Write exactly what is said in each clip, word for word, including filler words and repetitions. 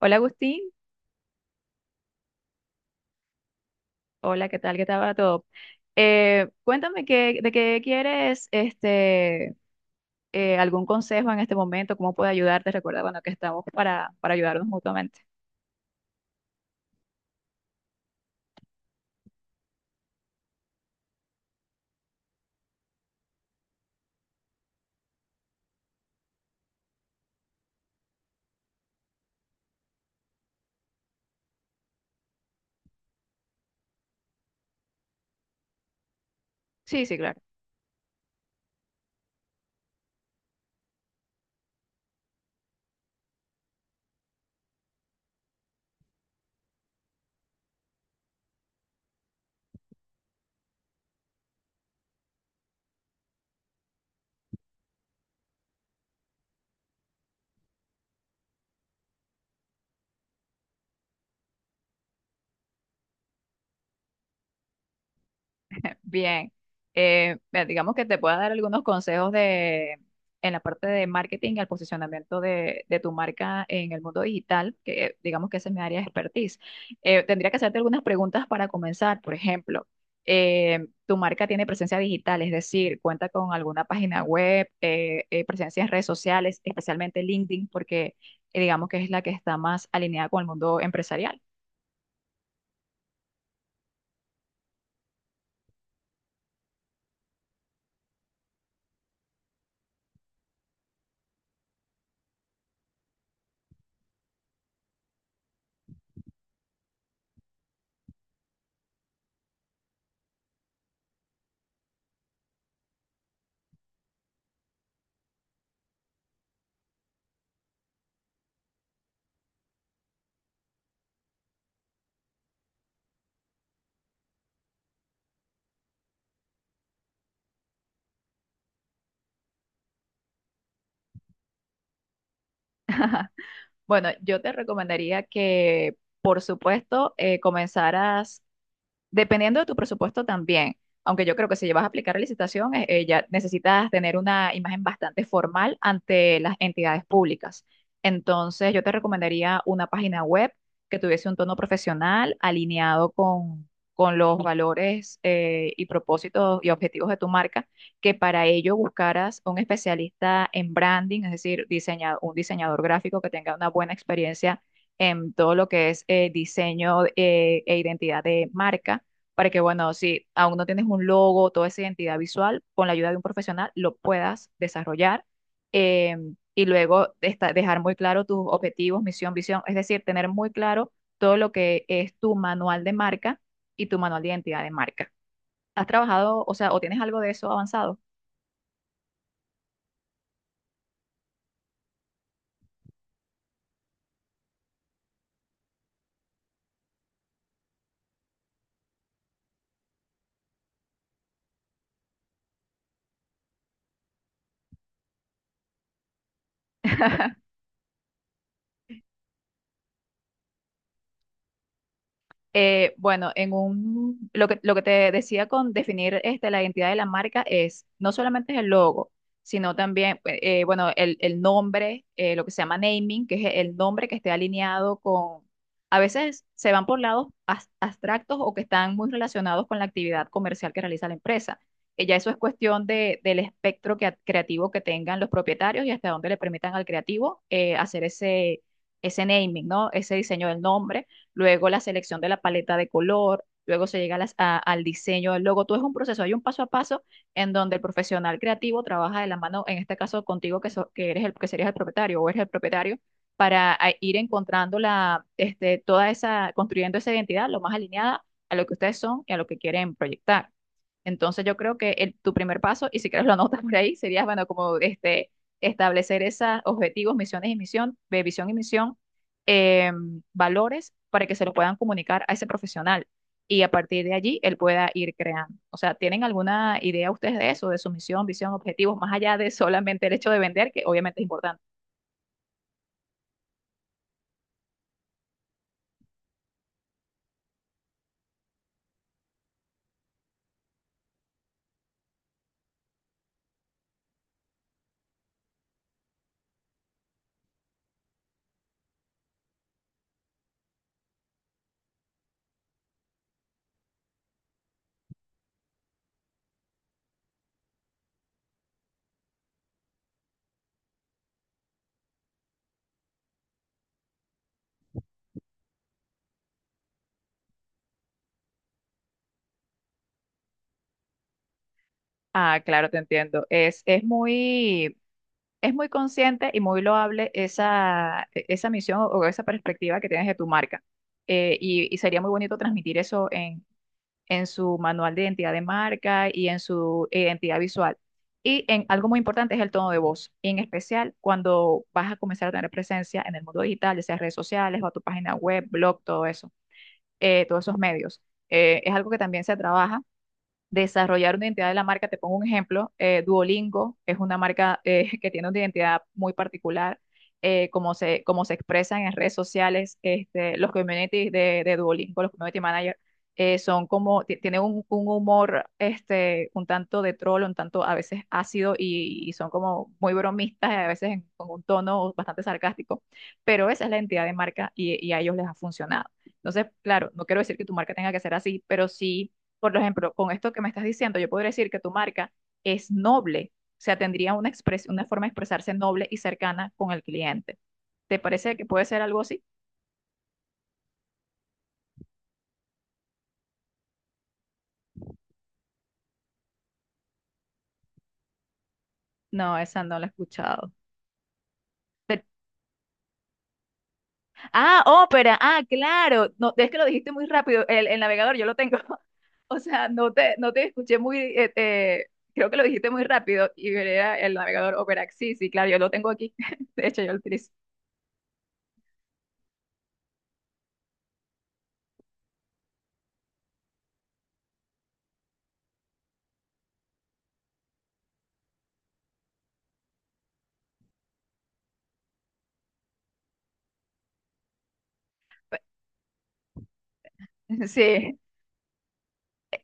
Hola Agustín, hola, ¿qué tal? ¿Qué tal va todo? Eh, cuéntame qué, de qué quieres este, eh, algún consejo en este momento, cómo puedo ayudarte. Recuerda, bueno, que estamos para, para ayudarnos mutuamente. Sí, sí, claro. Bien, eh, mira, digamos que te pueda dar algunos consejos de, en la parte de marketing y el posicionamiento de, de tu marca en el mundo digital, que eh, digamos que esa es mi área de expertise. Eh, tendría que hacerte algunas preguntas para comenzar. Por ejemplo, eh, tu marca tiene presencia digital, es decir, cuenta con alguna página web, eh, eh, presencia en redes sociales, especialmente LinkedIn, porque eh, digamos que es la que está más alineada con el mundo empresarial. Bueno, yo te recomendaría que, por supuesto, eh, comenzaras dependiendo de tu presupuesto también, aunque yo creo que si vas a aplicar la licitación, eh, eh, ya necesitas tener una imagen bastante formal ante las entidades públicas. Entonces, yo te recomendaría una página web que tuviese un tono profesional alineado con, con los valores eh, y propósitos y objetivos de tu marca, que para ello buscaras un especialista en branding, es decir, diseña- un diseñador gráfico que tenga una buena experiencia en todo lo que es eh, diseño eh, e identidad de marca para que, bueno, si aún no tienes un logo, toda esa identidad visual, con la ayuda de un profesional lo puedas desarrollar eh, y luego esta- dejar muy claro tus objetivos, misión, visión, es decir, tener muy claro todo lo que es tu manual de marca y tu manual de identidad de marca. ¿Has trabajado, o sea, o tienes algo de eso avanzado? Eh, bueno, en un, lo que, lo que te decía con definir este, la identidad de la marca es no solamente es el logo, sino también, eh, eh, bueno, el, el nombre, eh, lo que se llama naming, que es el nombre que esté alineado con, a veces se van por lados as- abstractos o que están muy relacionados con la actividad comercial que realiza la empresa. Eh, ya eso es cuestión de, del espectro que- creativo que tengan los propietarios y hasta dónde le permitan al creativo eh, hacer ese, ese naming, ¿no? Ese diseño del nombre luego la selección de la paleta de color, luego se llega a las- a- al diseño del logo. Todo es un proceso, hay un paso a paso en donde el profesional creativo trabaja de la mano, en este caso contigo, que, so- que eres el, que serías el propietario o eres el propietario, para ah, ir encontrando la, este, toda esa, construyendo esa identidad lo más alineada a lo que ustedes son y a lo que quieren proyectar. Entonces yo creo que el- tu primer paso, y si quieres lo anotas por ahí, sería, bueno, como este, establecer esos objetivos, misiones y misión, de visión y misión eh, valores para que se lo puedan comunicar a ese profesional y a partir de allí él pueda ir creando. O sea, ¿tienen alguna idea ustedes de eso, de su misión, visión, objetivos, más allá de solamente el hecho de vender, que obviamente es importante? Ah, claro, te entiendo. Es, es muy, es muy consciente y muy loable esa, e- esa misión o esa perspectiva que tienes de tu marca. Eh, y, y sería muy bonito transmitir eso en su manual de identidad de marca y en su identidad visual. Y en algo muy importante es el tono de voz, y en especial cuando vas a comenzar a tener presencia en el mundo digital, ya sea redes sociales o a tu página web, blog, todo eso, eh, todos esos medios. Eh, es algo que también se trabaja desarrollar una identidad de la marca. Te pongo un ejemplo, eh, Duolingo es una marca eh, que tiene una identidad muy particular, eh, como se, como se expresan en redes sociales, este, los communities de, de Duolingo, los community managers, eh, son como, ti- tienen un, un humor este, un tanto de troll, un tanto a veces ácido y, y son como muy bromistas, a veces en- con un tono bastante sarcástico, pero esa es la identidad de marca y, y a ellos les ha funcionado. Entonces, claro, no quiero decir que tu marca tenga que ser así, pero sí por ejemplo, con esto que me estás diciendo, yo podría decir que tu marca es noble, o sea, tendría una, expres- una forma de expresarse noble y cercana con el cliente. ¿Te parece que puede ser algo así? No, esa no la he escuchado. Te Ah, Opera, ah, claro. No, es que lo dijiste muy rápido. El, el navegador, yo lo tengo. O sea, no te, no te escuché muy, eh, eh, creo que lo dijiste muy rápido. Y era el navegador Opera. Sí, sí, claro, yo lo tengo aquí. De hecho, yo lo utilizo. Sí,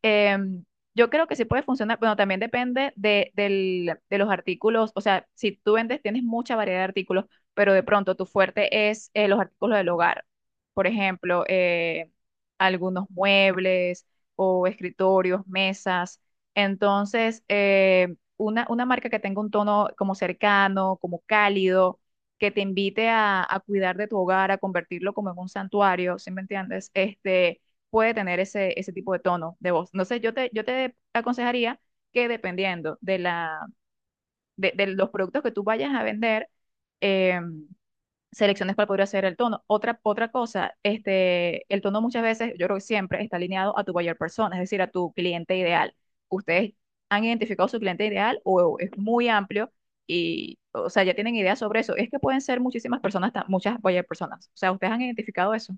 em, yo creo que sí puede funcionar. Bueno, también depende de, del- de los artículos. O sea, si tú vendes, tienes mucha variedad de artículos, pero de pronto tu fuerte es eh, los artículos del hogar. Por ejemplo, eh, algunos muebles o escritorios, mesas. Entonces, eh, una, una marca que tenga un tono como cercano, como cálido, que te invite a, a cuidar de tu hogar, a convertirlo como en un santuario, ¿sí me entiendes? Este puede tener ese, ese tipo de tono de voz. Entonces, yo te, yo te aconsejaría que dependiendo de, la, de, de los productos que tú vayas a vender, eh, selecciones cuál podría ser el tono. Otra, otra cosa, este, el tono muchas veces, yo creo que siempre está alineado a tu buyer persona, es decir, a tu cliente ideal. Ustedes han identificado su cliente ideal o es muy amplio y, o sea, ya tienen ideas sobre eso. Es que pueden ser muchísimas personas, ta- muchas buyer personas. O sea, ustedes han identificado eso.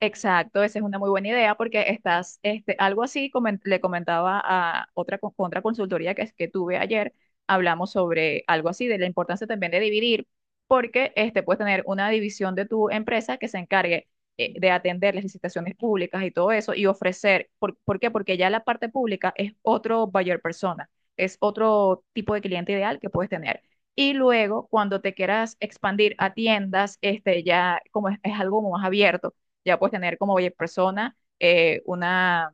Exacto, esa es una muy buena idea porque estás, este, algo así comen- le comentaba a otra, co- otra consultoría que, es- que tuve ayer, hablamos sobre algo así de la importancia también de dividir, porque este, puedes tener una división de tu empresa que se encargue eh, de atender las licitaciones públicas y todo eso y ofrecer, ¿por, por qué? Porque ya la parte pública es otro buyer persona, es otro tipo de cliente ideal que puedes tener. Y luego, cuando te quieras expandir a tiendas, este, ya como es es algo más abierto ya puedes tener como oye, persona, eh, una,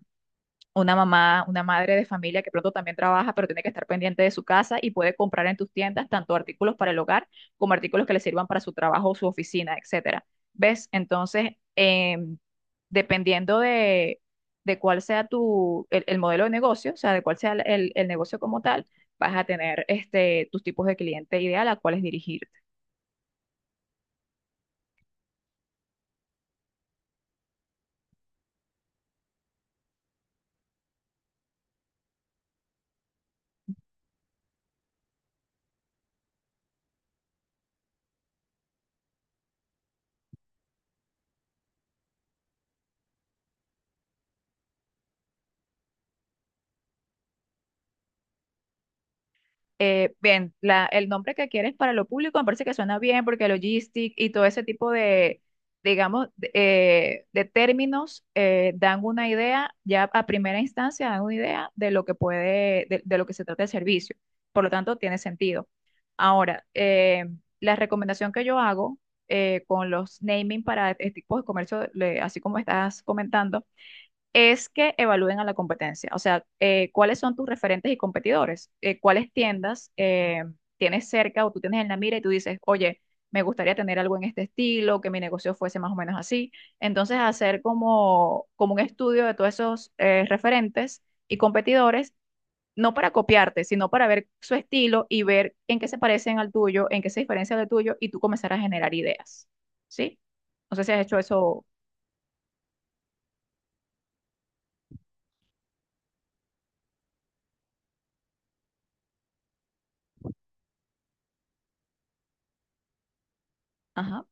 una mamá, una madre de familia que pronto también trabaja, pero tiene que estar pendiente de su casa y puede comprar en tus tiendas tanto artículos para el hogar como artículos que le sirvan para su trabajo, su oficina, etcétera. ¿Ves? Entonces, em, dependiendo de, de cuál sea tu, el, el modelo de negocio, o sea, de cuál sea el, el- el negocio como tal, vas a tener este, tus tipos de cliente ideal a cuáles dirigirte. eh, bien, la, el nombre que quieres para lo público me parece que suena bien porque logistic y todo ese tipo de, digamos, de, eh, de términos eh, dan una idea, ya a primera instancia dan una idea de lo que puede, de, de lo que se trata el servicio. Por lo tanto, tiene sentido. Ahora, eh, la recomendación que yo hago eh, con los naming para este tipo de comercio, le- así como estás comentando, es que evalúen a la competencia. O sea, eh, ¿cuáles son tus referentes y competidores? Eh, ¿cuáles tiendas eh, tienes cerca o tú tienes en la mira y tú dices, oye, me gustaría tener algo en este estilo, que mi negocio fuese más o menos así? Entonces, hacer como, como un estudio de todos esos eh, referentes y competidores. No para copiarte, sino para ver su estilo y ver en qué se parecen al tuyo, en qué se diferencia del tuyo, y tú comenzar a generar ideas. ¿Sí? No sé si has hecho eso. Ajá.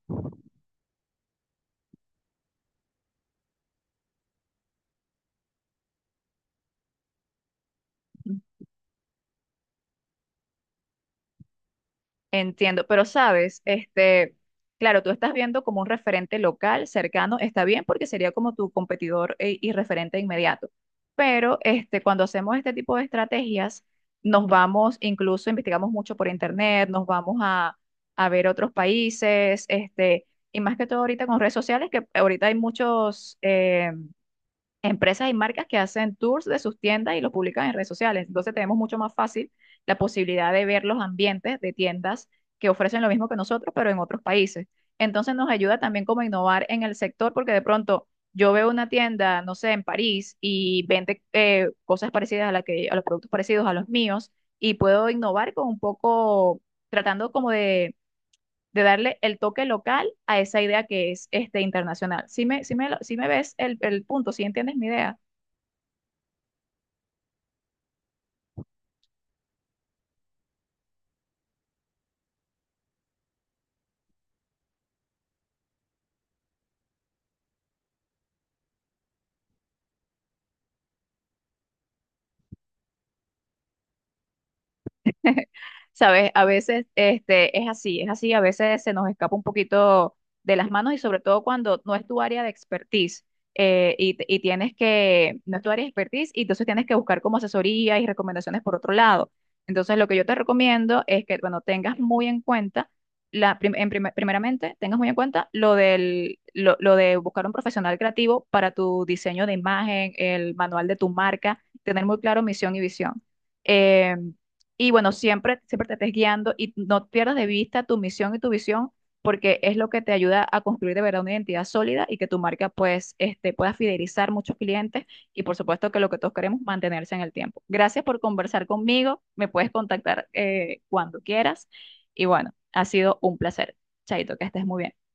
Entiendo, pero sabes, este, claro, tú estás viendo como un referente local cercano, está bien porque sería como tu competidor e- y referente inmediato. Pero este, cuando hacemos este tipo de estrategias, nos vamos, incluso investigamos mucho por internet, nos vamos a, a ver otros países, este, y más que todo ahorita con redes sociales, que ahorita hay muchos eh, empresas y marcas que hacen tours de sus tiendas y los publican en redes sociales. Entonces tenemos mucho más fácil la posibilidad de ver los ambientes de tiendas que ofrecen lo mismo que nosotros, pero en otros países. Entonces nos ayuda también como a innovar en el sector, porque de pronto yo veo una tienda, no sé, en París y vende eh, cosas parecidas a la que, a los productos parecidos a los míos, y puedo innovar con un poco, tratando como de, de darle el toque local a esa idea que es este internacional. Si me, sí me, lo- sí me ves el, el punto, si entiendes mi idea. Sabes, a veces este, es así, es así, a veces se nos escapa un poquito de las manos y sobre todo cuando no es tu área de expertise eh, y, t- y tienes que, no es tu área de expertise y entonces tienes que buscar como asesoría y recomendaciones por otro lado. Entonces lo que yo te recomiendo es que, bueno, tengas muy en cuenta, la, prim- en primer- primeramente, tengas muy en cuenta lo del, lo, lo de buscar un profesional creativo para tu diseño de imagen, el manual de tu marca, tener muy claro misión y visión. Em, y bueno, siempre, siempre te estés guiando y no pierdas de vista tu misión y tu visión, porque es lo que te ayuda a construir de verdad una identidad sólida y que tu marca pues este, pueda fidelizar muchos clientes y por supuesto que lo que todos queremos, mantenerse en el tiempo. Gracias por conversar conmigo, me puedes contactar eh, cuando quieras y bueno, ha sido un placer. Chaito, que estés muy bien.